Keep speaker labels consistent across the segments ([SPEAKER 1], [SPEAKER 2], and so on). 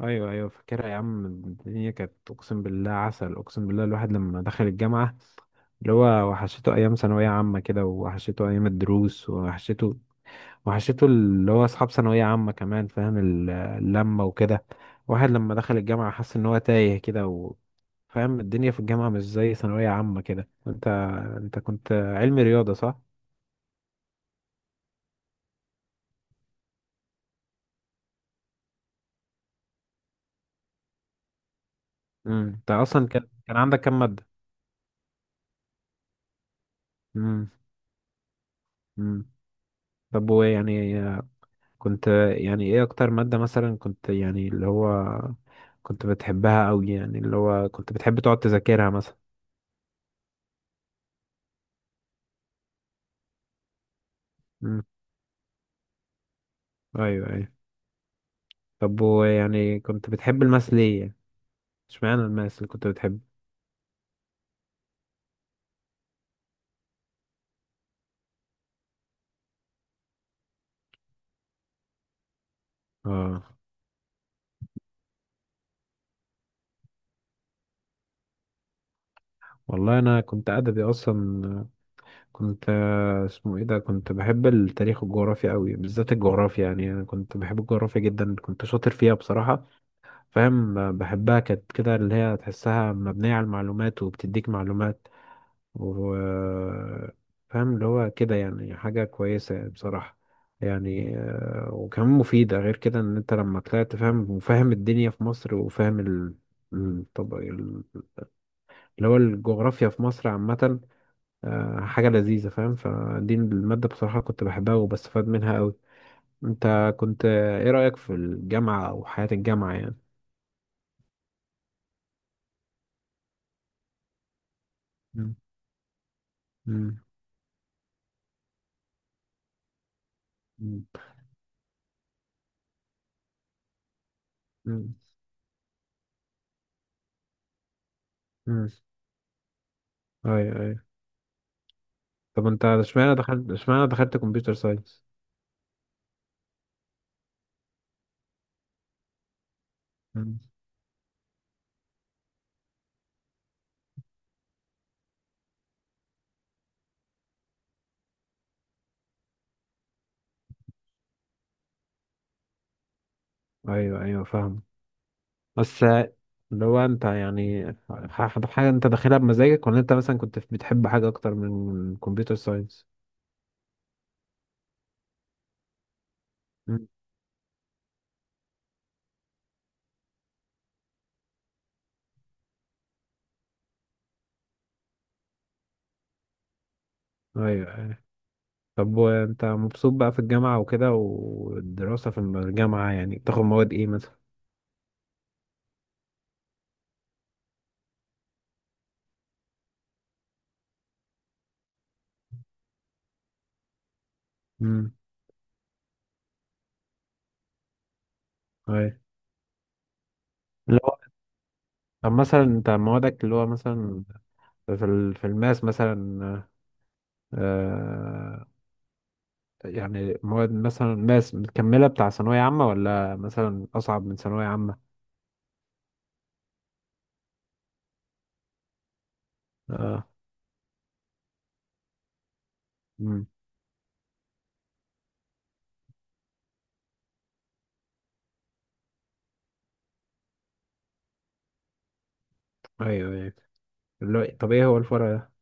[SPEAKER 1] ايوه ايوه، فاكرها يا عم. الدنيا كانت، اقسم بالله، عسل، اقسم بالله. الواحد لما دخل الجامعه اللي هو وحشته ايام ثانويه عامه كده، وحشته ايام الدروس، وحشته اللي هو اصحاب ثانويه عامه كمان. فاهم اللمه وكده. واحد لما دخل الجامعه حس ان هو تايه كده فاهم الدنيا في الجامعه مش زي ثانويه عامه كده. انت كنت علمي رياضه صح؟ انت اصلا كان عندك كام ماده؟ امم امم طب وايه يعني؟ كنت، يعني ايه اكتر مادة مثلا كنت، يعني اللي هو كنت بتحبها قوي، يعني اللي هو كنت بتحب تقعد تذاكرها مثلا؟ مم. ايوه ايوه. طب ويعني كنت بتحب الماس ليه يعني؟ اشمعنى الماس اللي كنت بتحبه؟ اه، والله انا كنت ادبي اصلا. كنت آه، اسمه ايه ده كنت بحب التاريخ والجغرافيا قوي، بالذات الجغرافيا. يعني انا كنت بحب الجغرافيا جدا، كنت شاطر فيها بصراحة. فاهم بحبها كانت كده اللي هي تحسها مبنية على المعلومات وبتديك معلومات، وفاهم اللي هو كده يعني حاجة كويسة بصراحة. يعني وكمان مفيدة. غير كده ان انت لما طلعت فاهم، وفاهم الدنيا في مصر، وفاهم ال، طب اللي هو الجغرافيا في مصر عامة حاجة لذيذة فاهم. فدي المادة بصراحة كنت بحبها وبستفاد منها أوي. انت كنت ايه رأيك في الجامعة أو حياة الجامعة يعني؟ مم. مم. مم. مم. مم. أيوة أيوة. طب انت اشمعنى دخلت كمبيوتر ساينس؟ ايوه ايوه فاهم. بس اللي هو انت يعني، حاجه انت داخلها بمزاجك ولا انت مثلا كنت بتحب حاجه اكتر من الكمبيوتر ساينس؟ مم. ايوه ايوه. طب وانت مبسوط بقى في الجامعه وكده والدراسه في الجامعه؟ يعني بتاخد مواد ايه مثلا؟ امم ايوه. اللي هو طب مثلا انت موادك اللي هو مثلا، في في الماس مثلا، آه، يعني مواد مثلا ماس مكمله بتاع ثانويه عامه ولا مثلا اصعب من ثانويه عامه؟ اه ايوه ايوه. اللي هو، طب ايه هو الفرع ده؟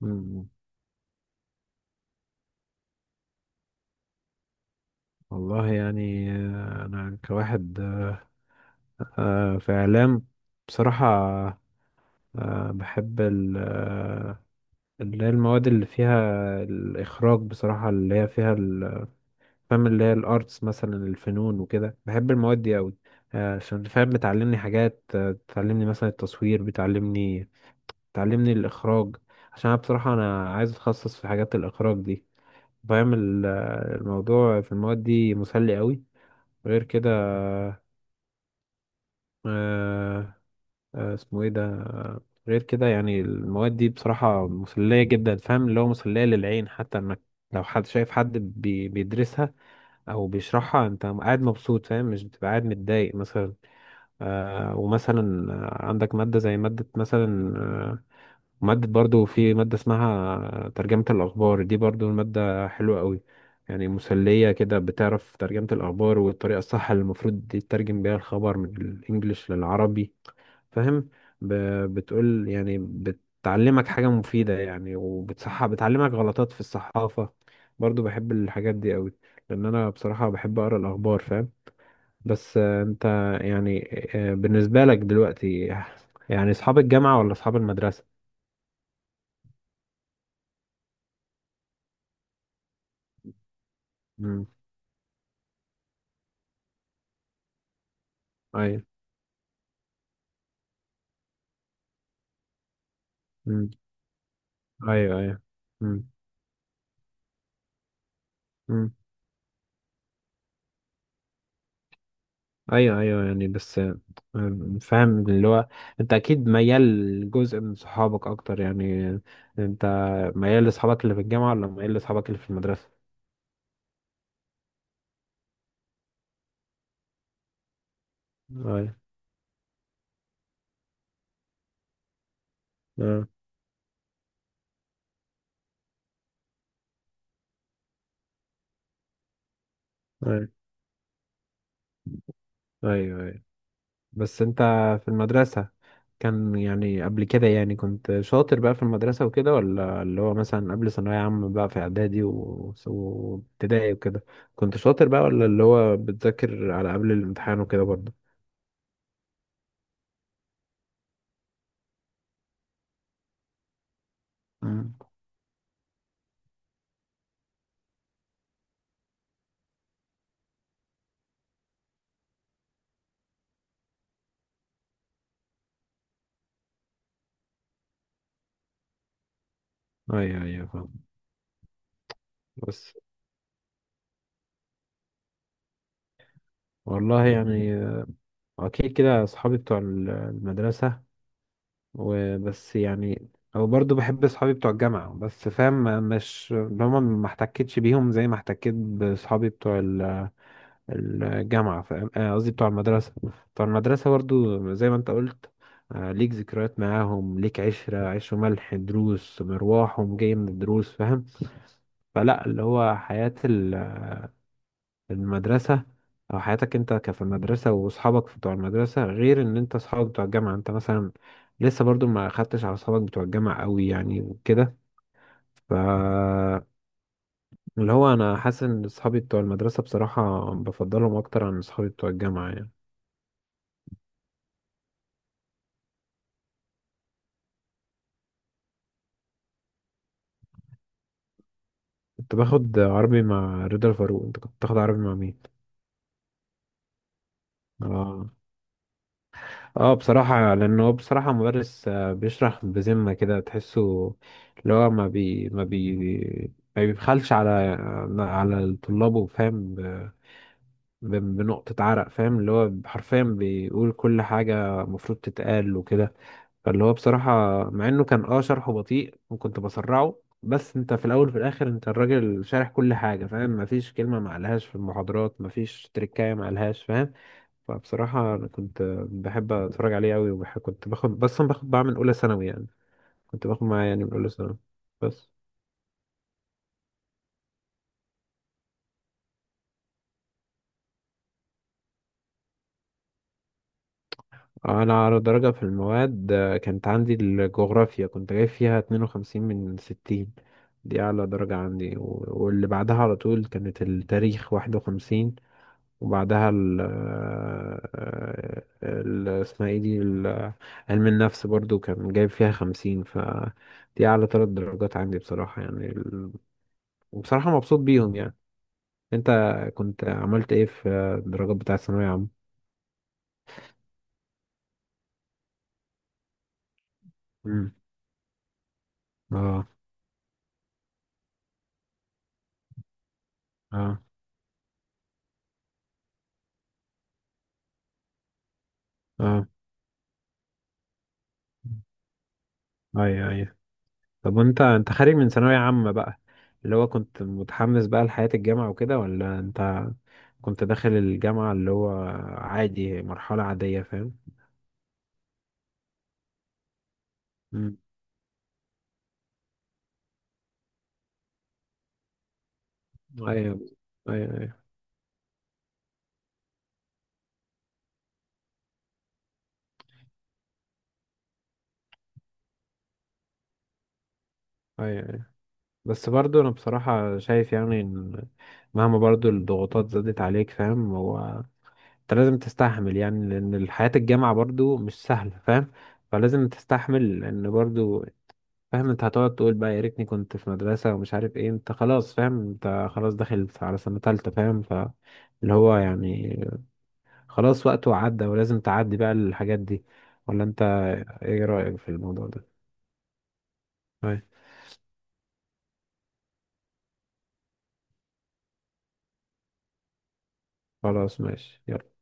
[SPEAKER 1] مم. والله يعني انا كواحد في اعلام بصراحة، بحب اللي هي المواد اللي فيها الاخراج بصراحة، اللي هي فيها فاهم، اللي هي الارتس مثلا، الفنون وكده. بحب المواد دي قوي عشان فاهم بتعلمني حاجات، بتعلمني مثلا التصوير، بتعلمني الاخراج. عشان أنا بصراحة انا عايز اتخصص في حاجات الاخراج دي، فاهم. الموضوع في المواد دي مسلي قوي. غير كده، آه آه اسمه ايه ده آه، غير كده يعني المواد دي بصراحة مسلية جدا، فاهم، اللي هو مسلية للعين، حتى انك لو حد شايف حد بيدرسها او بيشرحها انت قاعد مبسوط فاهم، مش بتبقى قاعد متضايق مثلا. آه ومثلا عندك مادة زي مادة مثلا مادة، برضو في مادة اسمها ترجمة الأخبار، دي برضو المادة حلوة قوي. يعني مسلية كده، بتعرف ترجمة الأخبار والطريقة الصح اللي المفروض تترجم بيها الخبر من الإنجليش للعربي فاهم. ب- بتقول يعني بتعلمك حاجة مفيدة يعني، وبتصح بتعلمك غلطات في الصحافة. برضو بحب الحاجات دي قوي لأن أنا بصراحة بحب أقرأ الأخبار فاهم. بس أنت يعني، بالنسبة لك دلوقتي، يعني أصحاب الجامعة ولا أصحاب المدرسة؟ امم مم. ايوه ايوه. مم. مم. ايوه ايوه يعني. بس فاهم اللي هو انت اكيد ميال لجزء من صحابك اكتر يعني. انت ميال لاصحابك اللي في الجامعه ولا ميال لاصحابك اللي في المدرسه؟ ايوه آه، ايوه ايوه ايوه. بس انت في المدرسه كان يعني قبل كده، يعني كنت شاطر بقى في المدرسه وكده، ولا اللي هو مثلا قبل ثانويه عامه بقى في اعدادي وابتدائي وكده كنت شاطر بقى، ولا اللي هو بتذاكر على قبل الامتحان وكده برضه؟ مم. ايوه ايوه فاهم. بس والله يعني اكيد كده اصحابي بتوع المدرسه. وبس يعني او برضو بحب اصحابي بتوع الجامعه، بس فاهم مش هما، ما احتكتش بيهم زي ما احتكيت باصحابي بتوع ال- الجامعه فاهم آه، قصدي بتوع المدرسه. بتوع المدرسه برضو زي ما انت قلت، ليك ذكريات معاهم، ليك عشرة عيش وملح، دروس، مروحهم جاي من الدروس فاهم. فلا اللي هو حياة المدرسة أو حياتك أنت كفي المدرسة وأصحابك بتوع المدرسة غير إن أنت أصحابك بتوع الجامعة. أنت مثلا لسه برضو ما أخدتش على أصحابك بتوع الجامعة أوي يعني وكده. ف اللي هو أنا حاسس إن أصحابي بتوع المدرسة بصراحة بفضلهم أكتر عن أصحابي بتوع الجامعة يعني. كنت باخد عربي مع رضا الفاروق. أنت كنت بتاخد عربي مع مين؟ آه، اه بصراحة، لأنه هو بصراحة مدرس بيشرح بذمة كده تحسه اللي هو ما بيبخلش على على طلابه فاهم، بنقطة عرق فاهم. اللي هو حرفيا بيقول كل حاجة المفروض تتقال وكده. فاللي هو بصراحة مع إنه كان اه شرحه بطيء وكنت بسرعه، بس انت في الأول وفي الآخر انت الراجل شارح كل حاجة فاهم. مفيش كلمة معلهاش في المحاضرات، مفيش تركاية معلهاش فاهم. فبصراحة أنا كنت بحب أتفرج عليه أوي. وكنت باخد، بس أنا باخد بعمل أولى ثانوي يعني، كنت باخد معاه يعني من أولى ثانوي. بس أنا على درجة في المواد كانت عندي الجغرافيا، كنت جايب فيها 52 من 60. دي أعلى درجة عندي، واللي بعدها على طول كانت التاريخ، 51. وبعدها ال آه، ال- اسمها ايه دي ال- علم النفس، برضو كان جايب فيها 50. ف دي أعلى ثلاث درجات عندي بصراحة يعني، وبصراحة مبسوط بيهم يعني. انت كنت عملت ايه في الدرجات بتاع الثانوية عامة؟ امم اه اه اه اي اي. طب وانت، انت خارج من ثانوية عامة بقى، اللي هو كنت متحمس بقى لحياة الجامعة وكده، ولا انت كنت داخل الجامعة اللي هو عادي، مرحلة عادية فاهم؟ امم اه ايوه ايوه ايوه ايوه. بس برضو انا بصراحة شايف يعني ان مهما برضو الضغوطات زادت عليك فاهم، هو انت لازم تستحمل يعني، لان حياة الجامعة برضو مش سهلة فاهم. فلازم تستحمل لان برضو فاهم انت هتقعد تقول بقى يا ريتني كنت في مدرسة ومش عارف ايه، انت خلاص فاهم، انت خلاص داخل على سنة تالتة فاهم. فاللي هو يعني خلاص وقته عدى ولازم تعدي بقى الحاجات دي، ولا انت ايه رأيك في الموضوع ده؟ خلاص ماشي يلا.